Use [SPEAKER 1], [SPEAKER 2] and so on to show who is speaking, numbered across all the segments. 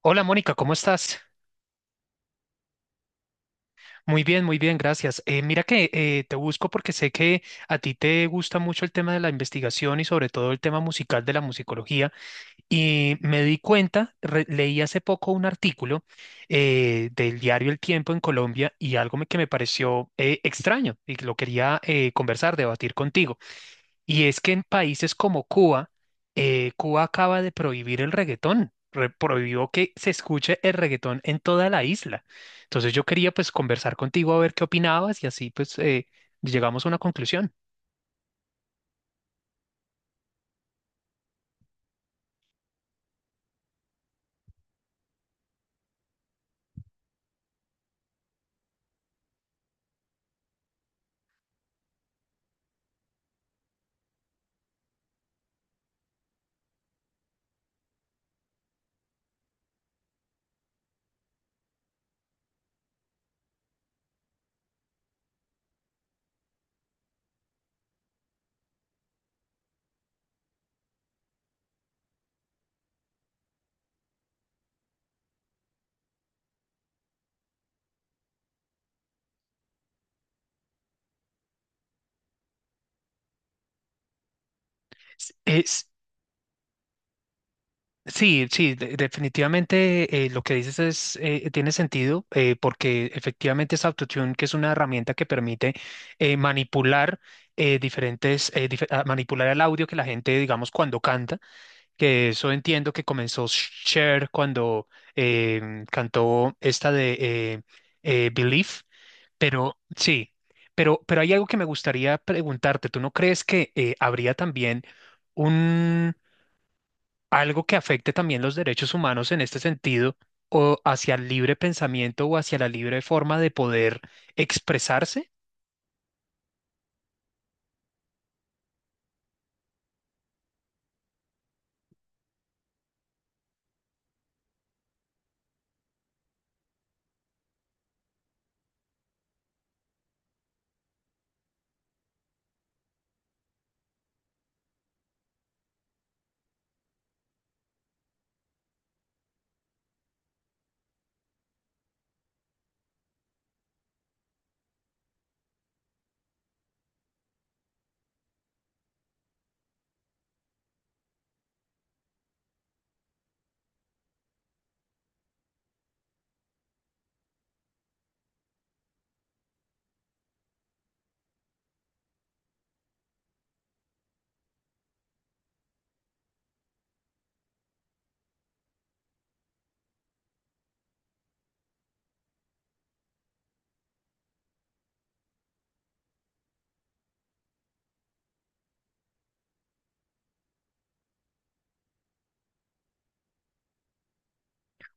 [SPEAKER 1] Hola Mónica, ¿cómo estás? Muy bien, gracias. Mira que te busco porque sé que a ti te gusta mucho el tema de la investigación y sobre todo el tema musical de la musicología. Y me di cuenta, leí hace poco un artículo del diario El Tiempo en Colombia y algo que me pareció extraño y que lo quería conversar, debatir contigo. Y es que en países como Cuba, Cuba acaba de prohibir el reggaetón, prohibió que se escuche el reggaetón en toda la isla. Entonces yo quería pues conversar contigo a ver qué opinabas y así pues llegamos a una conclusión. S- es- sí, sí, definitivamente lo que dices tiene sentido porque efectivamente es Autotune, que es una herramienta que permite manipular manipular el audio que la gente, digamos, cuando canta. Que eso entiendo que comenzó Cher cuando cantó esta de Belief, pero sí, pero hay algo que me gustaría preguntarte. ¿Tú no crees que habría también un algo que afecte también los derechos humanos en este sentido o hacia el libre pensamiento o hacia la libre forma de poder expresarse?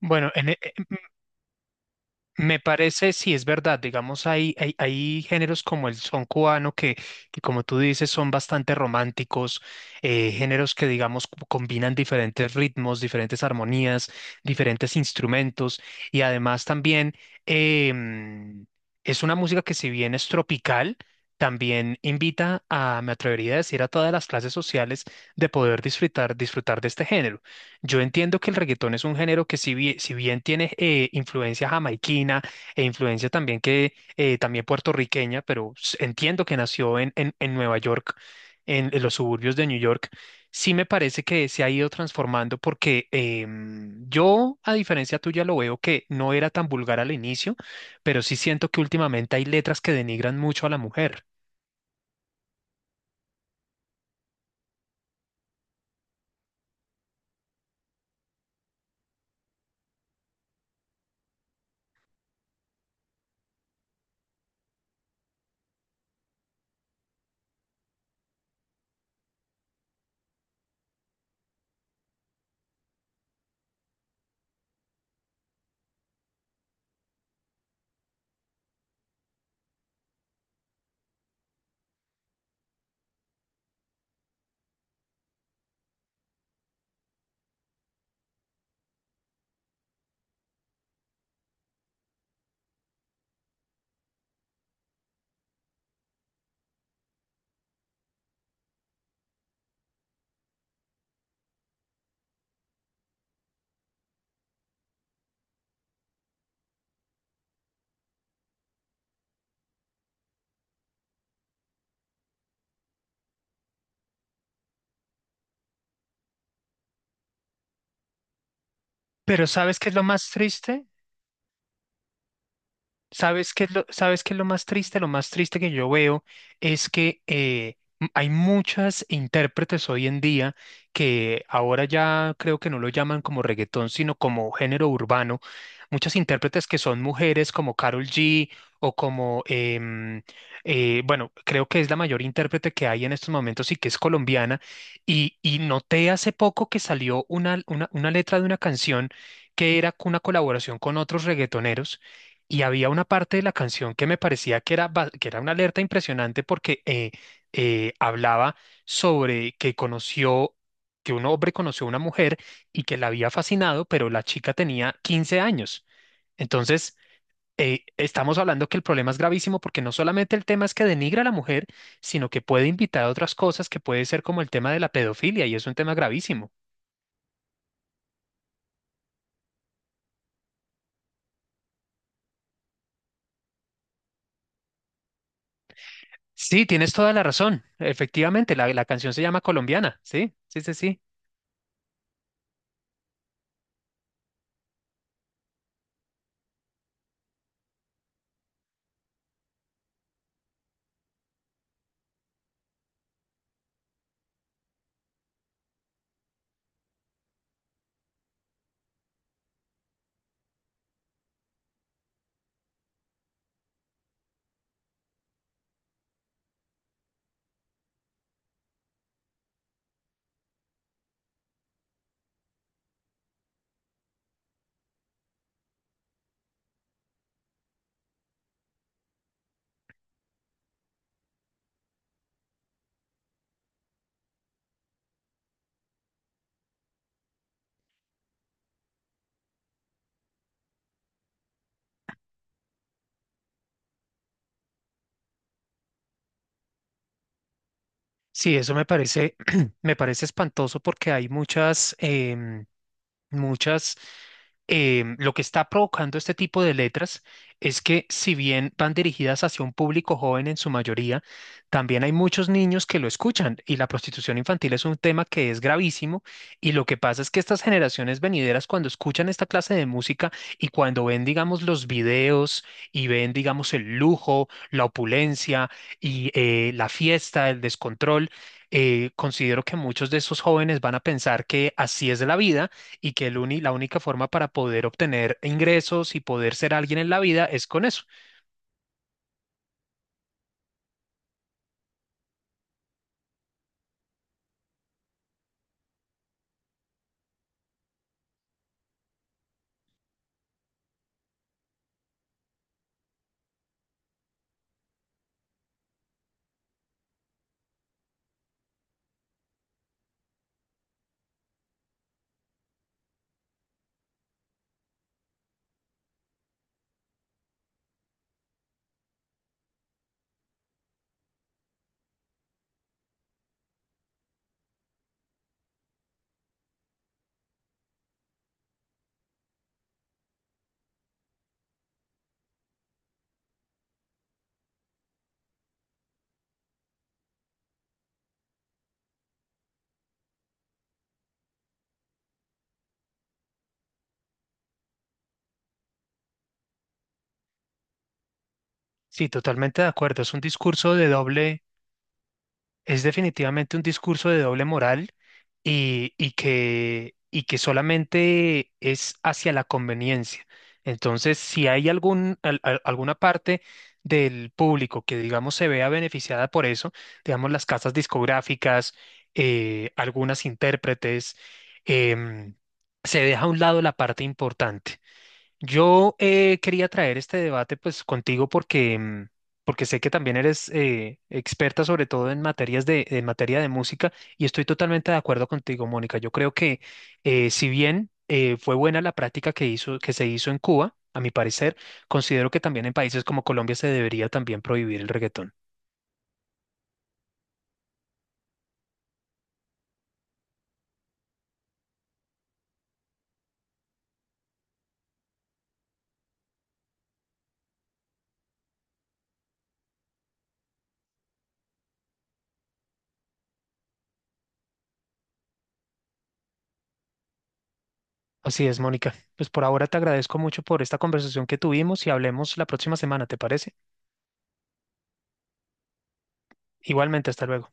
[SPEAKER 1] Bueno, me parece, sí, es verdad, digamos, hay géneros como el son cubano que, como tú dices, son bastante románticos, géneros que, digamos, combinan diferentes ritmos, diferentes armonías, diferentes instrumentos y además también em, es una música que si bien es tropical, también invita a, me atrevería a decir, a todas las clases sociales de poder disfrutar, disfrutar de este género. Yo entiendo que el reggaetón es un género que si bien tiene influencia jamaiquina e influencia también que también puertorriqueña, pero entiendo que nació en Nueva York, en los suburbios de New York. Sí me parece que se ha ido transformando porque yo, a diferencia tuya, lo veo que no era tan vulgar al inicio, pero sí siento que últimamente hay letras que denigran mucho a la mujer. Pero ¿sabes qué es lo más triste? ¿Sabes qué es lo, sabes qué es lo más triste? Lo más triste que yo veo es que hay muchas intérpretes hoy en día que ahora ya creo que no lo llaman como reggaetón, sino como género urbano. Muchas intérpretes que son mujeres como Karol G o como, bueno, creo que es la mayor intérprete que hay en estos momentos y que es colombiana. Y noté hace poco que salió una, una letra de una canción que era una colaboración con otros reggaetoneros y había una parte de la canción que me parecía que era, que era una alerta impresionante porque hablaba sobre que conoció, que un hombre conoció a una mujer y que la había fascinado, pero la chica tenía 15 años. Entonces, estamos hablando que el problema es gravísimo porque no solamente el tema es que denigra a la mujer, sino que puede invitar a otras cosas que puede ser como el tema de la pedofilia y es un tema gravísimo. Sí, tienes toda la razón. Efectivamente, la canción se llama Colombiana. Sí, sí, sí, sí. Sí, eso me parece, me parece espantoso porque hay muchas, muchas, lo que está provocando este tipo de letras es que si bien van dirigidas hacia un público joven en su mayoría, también hay muchos niños que lo escuchan y la prostitución infantil es un tema que es gravísimo y lo que pasa es que estas generaciones venideras cuando escuchan esta clase de música y cuando ven, digamos, los videos y ven, digamos, el lujo, la opulencia y la fiesta, el descontrol, considero que muchos de esos jóvenes van a pensar que así es la vida y que el la única forma para poder obtener ingresos y poder ser alguien en la vida es con eso. Sí, totalmente de acuerdo. Es un discurso de doble. Es definitivamente un discurso de doble moral y que solamente es hacia la conveniencia. Entonces, si hay alguna parte del público que, digamos, se vea beneficiada por eso, digamos, las casas discográficas, algunas intérpretes, em, se deja a un lado la parte importante. Yo quería traer este debate pues contigo porque, porque sé que también eres experta sobre todo en en materia de música y estoy totalmente de acuerdo contigo, Mónica. Yo creo que si bien fue buena la práctica que se hizo en Cuba. A mi parecer, considero que también en países como Colombia se debería también prohibir el reggaetón. Así es, Mónica. Pues por ahora te agradezco mucho por esta conversación que tuvimos y hablemos la próxima semana, ¿te parece? Igualmente, hasta luego.